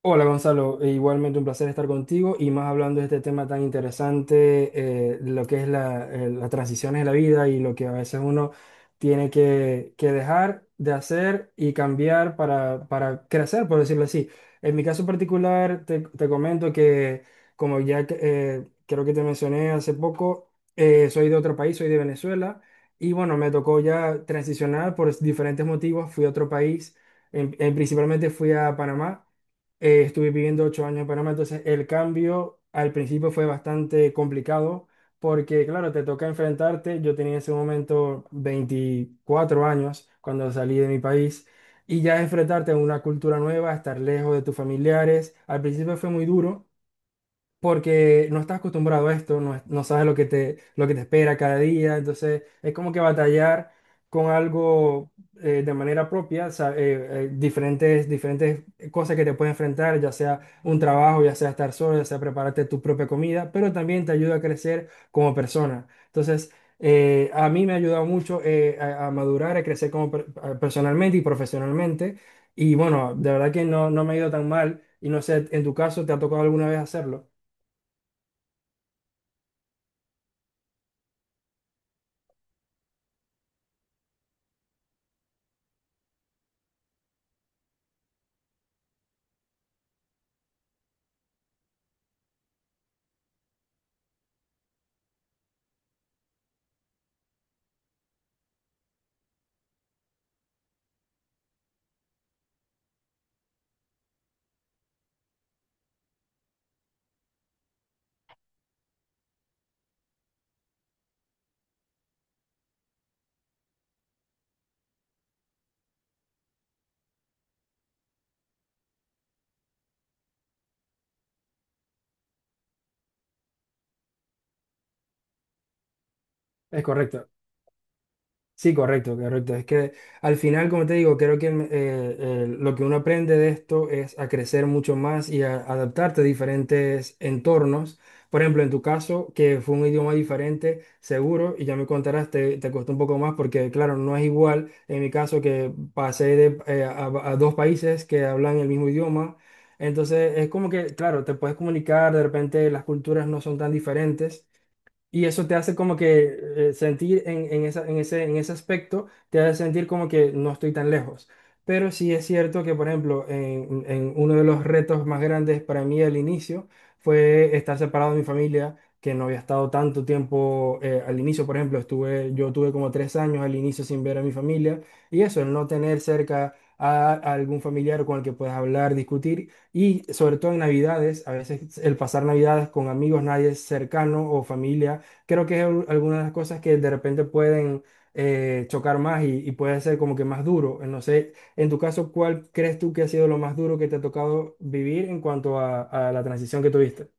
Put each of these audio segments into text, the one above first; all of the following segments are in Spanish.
Hola Gonzalo, e igualmente un placer estar contigo y más hablando de este tema tan interesante, de lo que es las transiciones de la vida y lo que a veces uno tiene que dejar de hacer y cambiar para crecer, por decirlo así. En mi caso particular, te comento que como ya que, creo que te mencioné hace poco, soy de otro país, soy de Venezuela. Y bueno, me tocó ya transicionar por diferentes motivos, fui a otro país, principalmente fui a Panamá. Estuve viviendo 8 años en Panamá, entonces el cambio al principio fue bastante complicado porque, claro, te toca enfrentarte. Yo tenía en ese momento 24 años cuando salí de mi país y ya enfrentarte a una cultura nueva, estar lejos de tus familiares, al principio fue muy duro, porque no estás acostumbrado a esto, no, no sabes lo que te espera cada día, entonces es como que batallar con algo de manera propia, o sea, diferentes, diferentes cosas que te pueden enfrentar, ya sea un trabajo, ya sea estar solo, ya sea prepararte tu propia comida, pero también te ayuda a crecer como persona. Entonces, a mí me ha ayudado mucho a madurar, a crecer como personalmente y profesionalmente, y bueno, de verdad que no, no me ha ido tan mal, y no sé, en tu caso, ¿te ha tocado alguna vez hacerlo? Es correcto. Sí, correcto, correcto. Es que al final, como te digo, creo que lo que uno aprende de esto es a crecer mucho más y a adaptarte a diferentes entornos. Por ejemplo, en tu caso, que fue un idioma diferente, seguro, y ya me contarás, te costó un poco más porque, claro, no es igual en mi caso que pasé a dos países que hablan el mismo idioma. Entonces, es como que, claro, te puedes comunicar, de repente las culturas no son tan diferentes. Y eso te hace como que sentir en ese aspecto, te hace sentir como que no estoy tan lejos. Pero sí es cierto que, por ejemplo, en uno de los retos más grandes para mí al inicio fue estar separado de mi familia, que no había estado tanto tiempo al inicio, por ejemplo, yo tuve como 3 años al inicio sin ver a mi familia. Y eso, el no tener cerca a algún familiar con el que puedas hablar, discutir. Y sobre todo en Navidades, a veces el pasar Navidades con amigos, nadie cercano o familia, creo que es alguna de las cosas que de repente pueden chocar más y puede ser como que más duro. No sé, en tu caso, ¿cuál crees tú que ha sido lo más duro que te ha tocado vivir en cuanto a la transición que tuviste?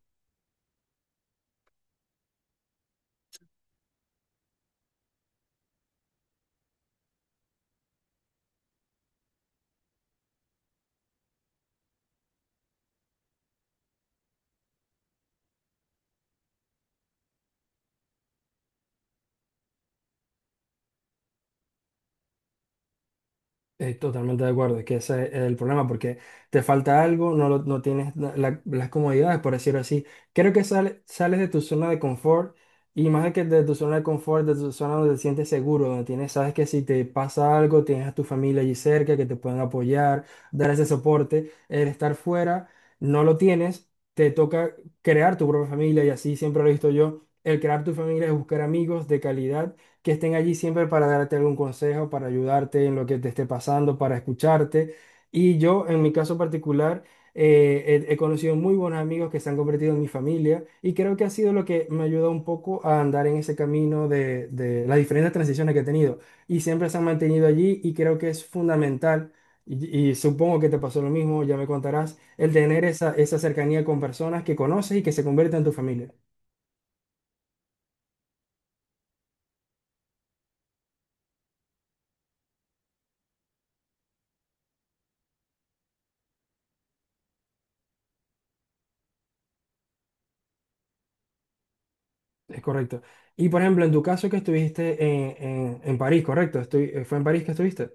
Totalmente de acuerdo, es que ese es el problema, porque te falta algo, no, no tienes las comodidades, por decirlo así. Creo que sales de tu zona de confort y más de que de tu zona de confort, de tu zona donde te sientes seguro, donde tienes, sabes que si te pasa algo, tienes a tu familia allí cerca que te pueden apoyar, dar ese soporte. El estar fuera, no lo tienes, te toca crear tu propia familia, y así siempre lo he visto yo. El crear tu familia es buscar amigos de calidad que estén allí siempre para darte algún consejo, para ayudarte en lo que te esté pasando, para escucharte. Y yo, en mi caso particular, he conocido muy buenos amigos que se han convertido en mi familia, y creo que ha sido lo que me ayuda un poco a andar en ese camino de las diferentes transiciones que he tenido. Y siempre se han mantenido allí, y creo que es fundamental. Y supongo que te pasó lo mismo, ya me contarás, el tener esa cercanía con personas que conoces y que se convierten en tu familia. Es correcto. Y por ejemplo, en tu caso que estuviste en París, ¿correcto? ¿Fue en París que estuviste?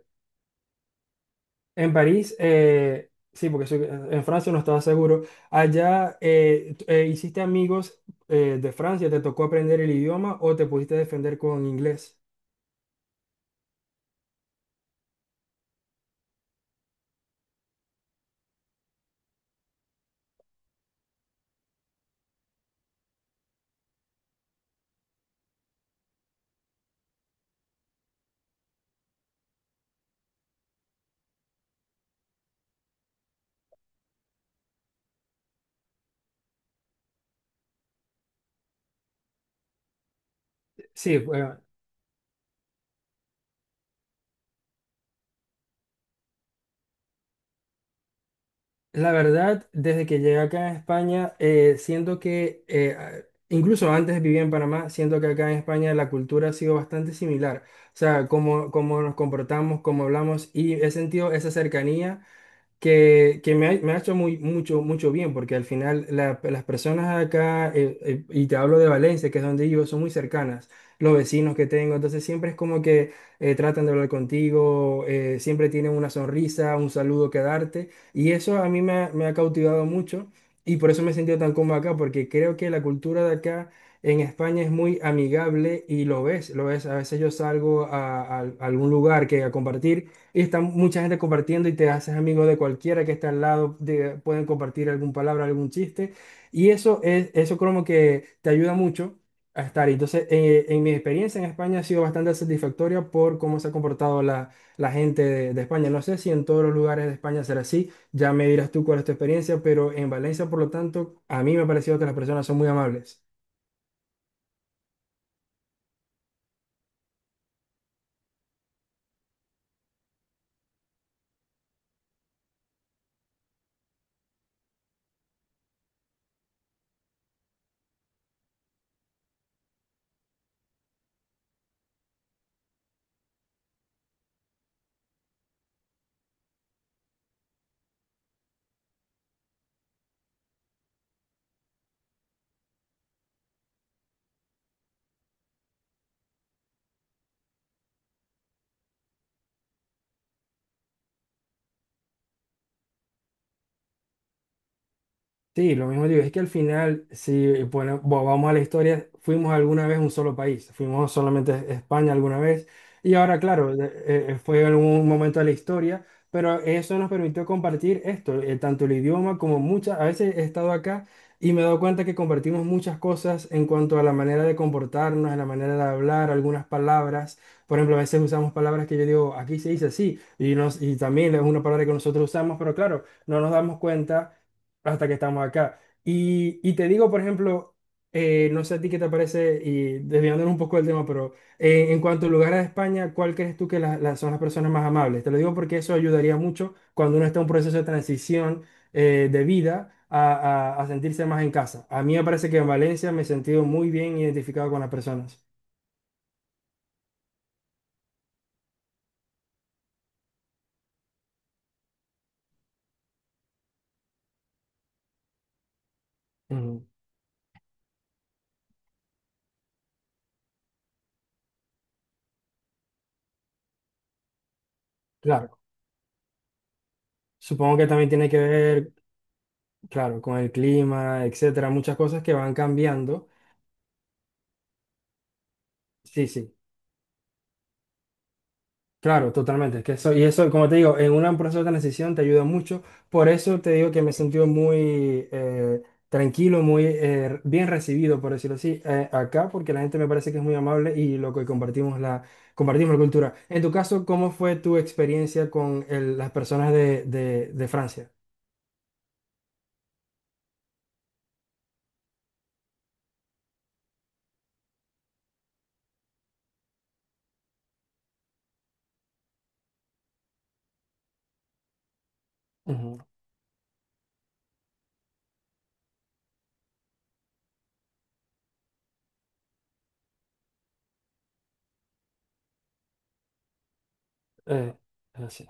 En París, sí, porque en Francia no estaba seguro. Allá hiciste amigos de Francia, ¿te tocó aprender el idioma o te pudiste defender con inglés? Sí, la verdad, desde que llegué acá a España, siento que, incluso antes vivía en Panamá, siento que acá en España la cultura ha sido bastante similar. O sea, cómo nos comportamos, cómo hablamos, y he sentido esa cercanía que me ha hecho mucho, mucho bien, porque al final las personas acá, y te hablo de Valencia, que es donde vivo, son muy cercanas, los vecinos que tengo, entonces siempre es como que tratan de hablar contigo, siempre tienen una sonrisa, un saludo que darte, y eso a mí me ha cautivado mucho, y por eso me he sentido tan cómodo acá, porque creo que la cultura de acá en España es muy amigable, y lo ves, a veces yo salgo a algún lugar que a compartir. Y está mucha gente compartiendo y te haces amigo de cualquiera que está al lado, pueden compartir alguna palabra, algún chiste. Y eso es, eso como que te ayuda mucho a estar ahí. Entonces, en mi experiencia en España ha sido bastante satisfactoria por cómo se ha comportado la gente de España. No sé si en todos los lugares de España será así, ya me dirás tú cuál es tu experiencia, pero en Valencia, por lo tanto, a mí me ha parecido que las personas son muy amables. Sí, lo mismo digo, es que al final, si bueno, vamos a la historia, fuimos alguna vez un solo país, fuimos solamente a España alguna vez, y ahora, claro, fue algún momento de la historia, pero eso nos permitió compartir esto, tanto el idioma como muchas, a veces he estado acá y me he dado cuenta que compartimos muchas cosas en cuanto a la manera de comportarnos, en la manera de hablar, algunas palabras. Por ejemplo, a veces usamos palabras que yo digo, aquí se dice así, y también es una palabra que nosotros usamos, pero claro, no nos damos cuenta hasta que estamos acá. Y te digo, por ejemplo, no sé a ti qué te parece, y desviándonos un poco del tema, pero en cuanto a lugares de España, ¿cuál crees tú que son las personas más amables? Te lo digo porque eso ayudaría mucho cuando uno está en un proceso de transición de vida a sentirse más en casa. A mí me parece que en Valencia me he sentido muy bien identificado con las personas. Mm, claro, supongo que también tiene que ver, claro, con el clima, etcétera, muchas cosas que van cambiando. Sí, sí. Claro, totalmente. Que eso, y eso, como te digo, en un proceso de transición te ayuda mucho. Por eso te digo que me he sentido muy tranquilo, muy bien recibido, por decirlo así, acá, porque la gente me parece que es muy amable y lo que compartimos compartimos la cultura. En tu caso, ¿cómo fue tu experiencia con las personas de Francia? Ujú, eh, así.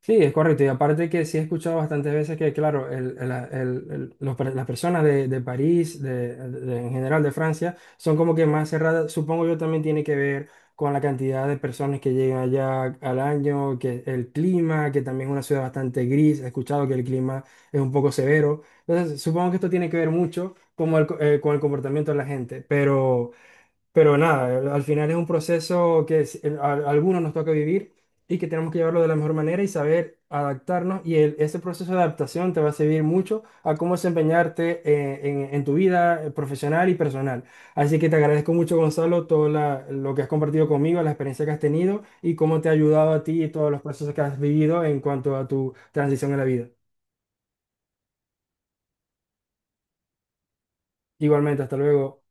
Sí, es correcto. Y aparte que sí he escuchado bastantes veces que, claro, las personas de París, en general de Francia, son como que más cerradas. Supongo yo también tiene que ver con la cantidad de personas que llegan allá al año, que el clima, que también es una ciudad bastante gris. He escuchado que el clima es un poco severo. Entonces, supongo que esto tiene que ver mucho como con el comportamiento de la gente. Pero nada, al final es un proceso que a algunos nos toca vivir, y que tenemos que llevarlo de la mejor manera y saber adaptarnos. Y ese proceso de adaptación te va a servir mucho a cómo desempeñarte en tu vida profesional y personal. Así que te agradezco mucho, Gonzalo, todo lo que has compartido conmigo, la experiencia que has tenido y cómo te ha ayudado a ti y todos los procesos que has vivido en cuanto a tu transición en la vida. Igualmente, hasta luego.